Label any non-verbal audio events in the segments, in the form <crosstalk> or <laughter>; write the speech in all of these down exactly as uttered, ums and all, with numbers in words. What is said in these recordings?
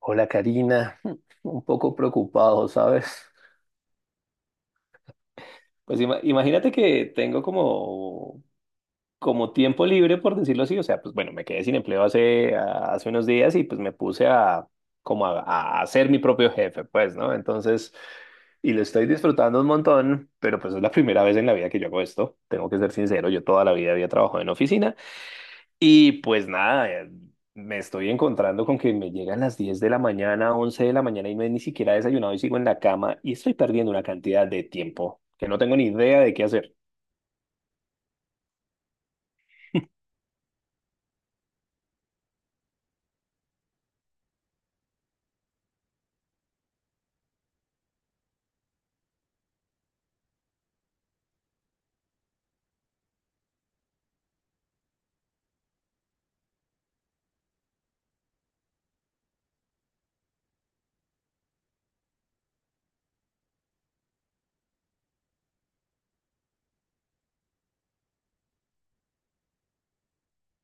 Hola Karina, <laughs> un poco preocupado, ¿sabes? Pues ima- imagínate que tengo como, como tiempo libre, por decirlo así, o sea, pues bueno, me quedé sin empleo hace, a- hace unos días y pues me puse a, como a, a- ser mi propio jefe, pues, ¿no? Entonces, y lo estoy disfrutando un montón, pero pues es la primera vez en la vida que yo hago esto, tengo que ser sincero, yo toda la vida había trabajado en oficina. Y pues nada, eh, me estoy encontrando con que me llegan las diez de la mañana, once de la mañana y no he ni siquiera desayunado y sigo en la cama y estoy perdiendo una cantidad de tiempo que no tengo ni idea de qué hacer.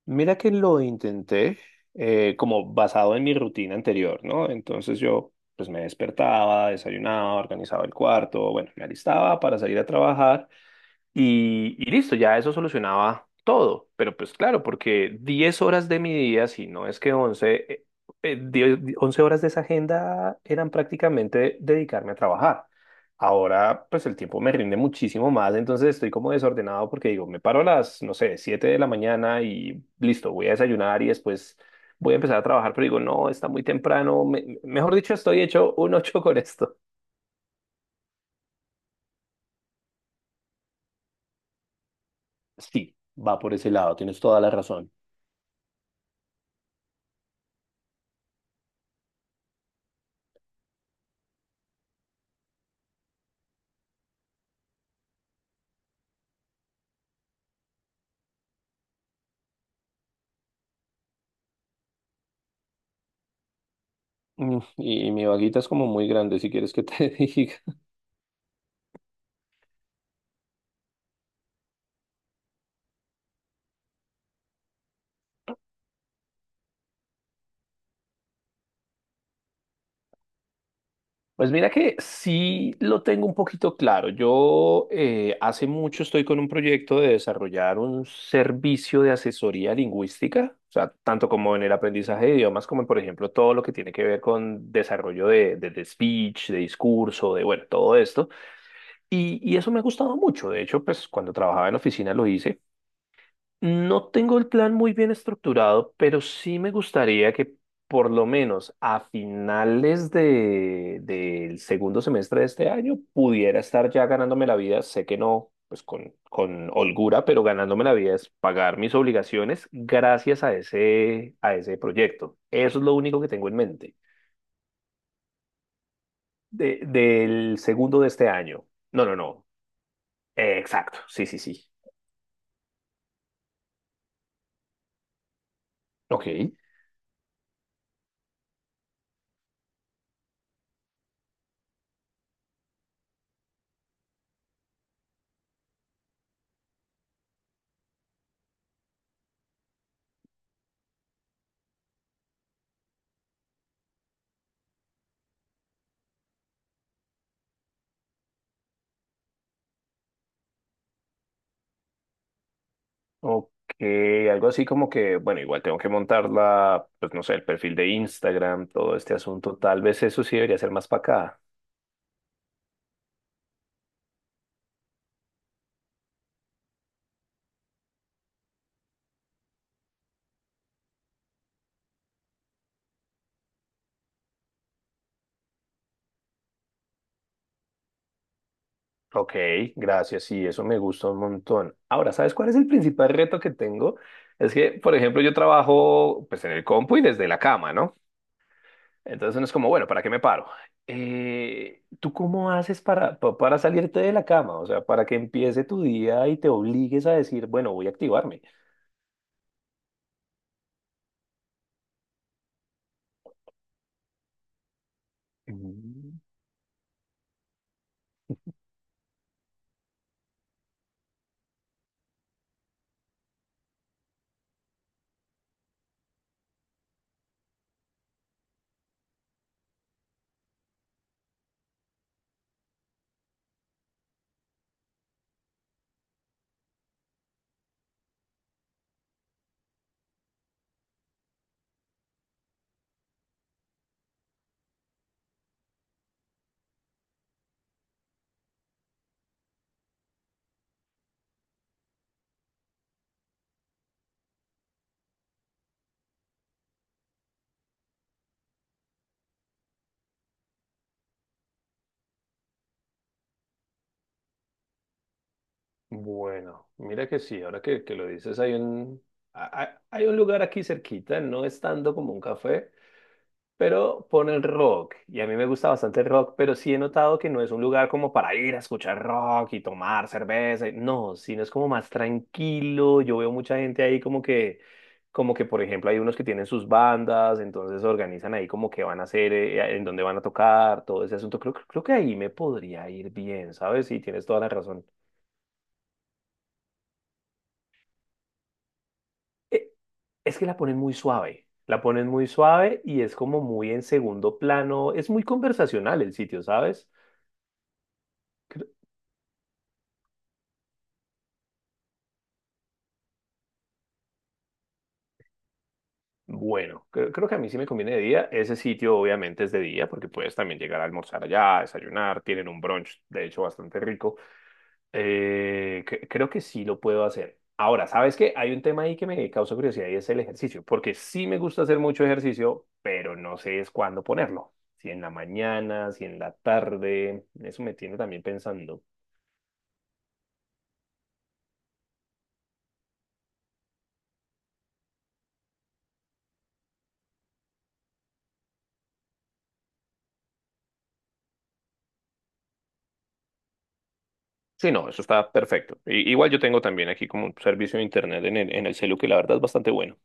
Mira que lo intenté, eh, como basado en mi rutina anterior, ¿no? Entonces yo pues me despertaba, desayunaba, organizaba el cuarto, bueno, me alistaba para salir a trabajar. Y, y listo, ya eso solucionaba todo. Pero pues claro, porque diez horas de mi día, si no es que once, eh, eh, diez once horas de esa agenda eran prácticamente dedicarme a trabajar. Ahora, pues el tiempo me rinde muchísimo más, entonces estoy como desordenado porque digo, me paro a las, no sé, siete de la mañana y listo, voy a desayunar y después voy a empezar a trabajar, pero digo, no, está muy temprano, me- mejor dicho, estoy hecho un ocho con esto. Sí, va por ese lado, tienes toda la razón. Mm, Y y mi vaguita es como muy grande, si quieres que te <laughs> diga. Pues mira que sí lo tengo un poquito claro. Yo, eh, hace mucho estoy con un proyecto de desarrollar un servicio de asesoría lingüística, o sea, tanto como en el aprendizaje de idiomas, como en, por ejemplo, todo lo que tiene que ver con desarrollo de, de, de speech, de discurso, de, bueno, todo esto. Y, y eso me ha gustado mucho. De hecho, pues cuando trabajaba en oficina lo hice. No tengo el plan muy bien estructurado, pero sí me gustaría que por lo menos a finales de, del segundo semestre de este año pudiera estar ya ganándome la vida. Sé que no, pues con, con holgura, pero ganándome la vida es pagar mis obligaciones gracias a ese, a ese proyecto. Eso es lo único que tengo en mente. De- del segundo de este año. No, no, no. Eh, exacto. Sí, sí, sí. Ok. Ok, algo así como que, bueno, igual tengo que montar la, pues no sé, el perfil de Instagram, todo este asunto. Tal vez eso sí debería ser más para acá. Ok, gracias, sí, eso me gusta un montón. Ahora, ¿sabes cuál es el principal reto que tengo? Es que, por ejemplo, yo trabajo pues en el compu y desde la cama, ¿no? Entonces uno es como, bueno, ¿para qué me paro? Eh, ¿tú cómo haces para, pa- para salirte de la cama? O sea, para que empiece tu día y te obligues a decir, bueno, voy a activarme. Mm. Bueno, mira que sí, ahora que, que lo dices, hay un, a- a- hay un lugar aquí cerquita, no es tanto como un café, pero ponen rock y a mí me gusta bastante el rock, pero sí he notado que no es un lugar como para ir a escuchar rock y tomar cerveza, y- no, sino es como más tranquilo, yo veo mucha gente ahí como que, como que por ejemplo hay unos que tienen sus bandas, entonces organizan ahí como que van a hacer, eh, en dónde van a tocar, todo ese asunto, creo, creo que ahí me podría ir bien, ¿sabes? Sí, tienes toda la razón. Eh, Es que la ponen muy suave, la ponen muy suave y es como muy en segundo plano, es muy conversacional el sitio, ¿sabes? Bueno, creo, creo que a mí sí me conviene de día. Ese sitio obviamente es de día porque puedes también llegar a almorzar allá, desayunar, tienen un brunch, de hecho, bastante rico. Eh, cre- creo que sí lo puedo hacer. Ahora, ¿sabes qué? Hay un tema ahí que me causa curiosidad y es el ejercicio, porque sí me gusta hacer mucho ejercicio, pero no sé es cuándo ponerlo. Si en la mañana, si en la tarde, eso me tiene también pensando. Sí, no, eso está perfecto. I- igual yo tengo también aquí como un servicio de internet en el, en el, celu que la verdad es bastante bueno.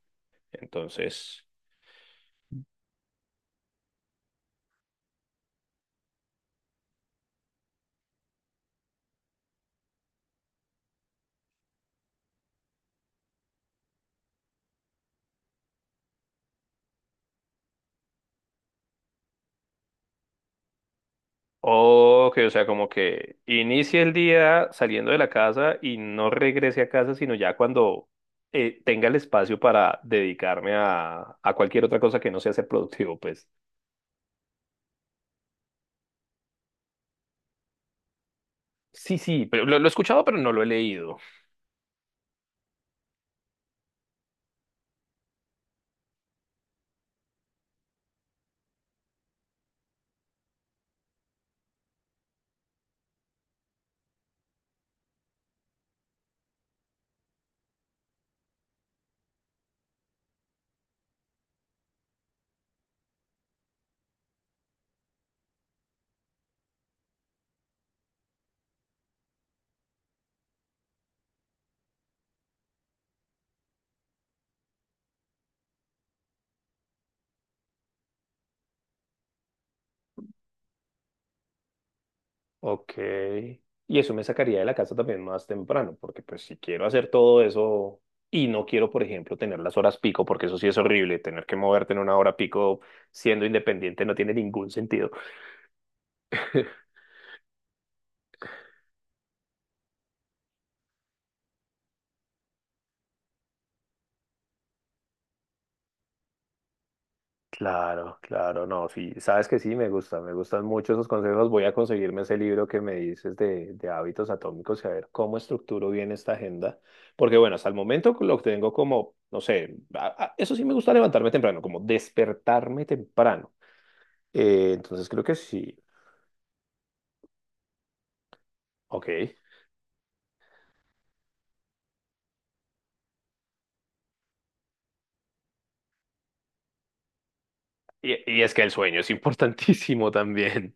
Entonces. Ok, o sea, como que inicie el día saliendo de la casa y no regrese a casa, sino ya cuando eh, tenga el espacio para dedicarme a, a cualquier otra cosa que no sea ser productivo, pues. Sí, sí, pero lo, lo he escuchado, pero no lo he leído. Ok. Y eso me sacaría de la casa también más temprano, porque pues si quiero hacer todo eso y no quiero, por ejemplo, tener las horas pico, porque eso sí es horrible, tener que moverte en una hora pico siendo independiente no tiene ningún sentido. <laughs> Claro, claro, no, sí, sabes que sí, me gusta, me gustan mucho esos consejos. Voy a conseguirme ese libro que me dices de, de hábitos atómicos y a ver cómo estructuro bien esta agenda. Porque bueno, hasta el momento lo tengo como, no sé, a- a- eso sí me gusta levantarme temprano, como despertarme temprano. Eh, entonces creo que sí. Ok. Y, y es que el sueño es importantísimo también.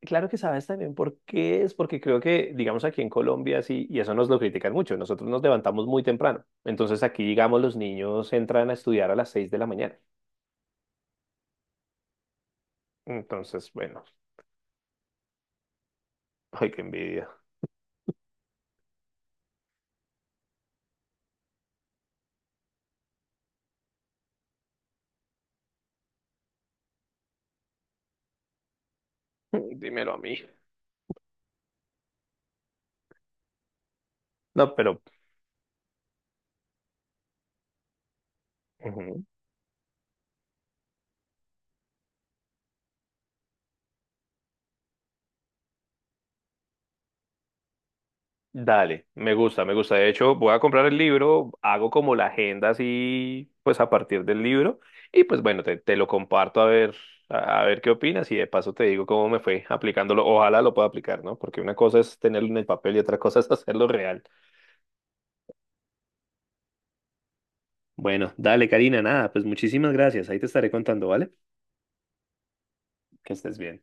Claro que sabes también por qué es, porque creo que, digamos, aquí en Colombia, sí, y eso nos lo critican mucho, nosotros nos levantamos muy temprano. Entonces aquí, digamos, los niños entran a estudiar a las seis de la mañana. Entonces, bueno, <laughs> ay, qué envidia. <laughs> Dímelo a mí. No, pero ujú. Dale, me gusta, me gusta. De hecho, voy a comprar el libro, hago como la agenda así, pues a partir del libro. Y pues bueno, te, te lo comparto a ver, a, a ver qué opinas y de paso te digo cómo me fue aplicándolo. Ojalá lo pueda aplicar, ¿no? Porque una cosa es tenerlo en el papel y otra cosa es <laughs> hacerlo real. Bueno, dale, Karina, nada, pues muchísimas gracias. Ahí te estaré contando, ¿vale? Que estés bien.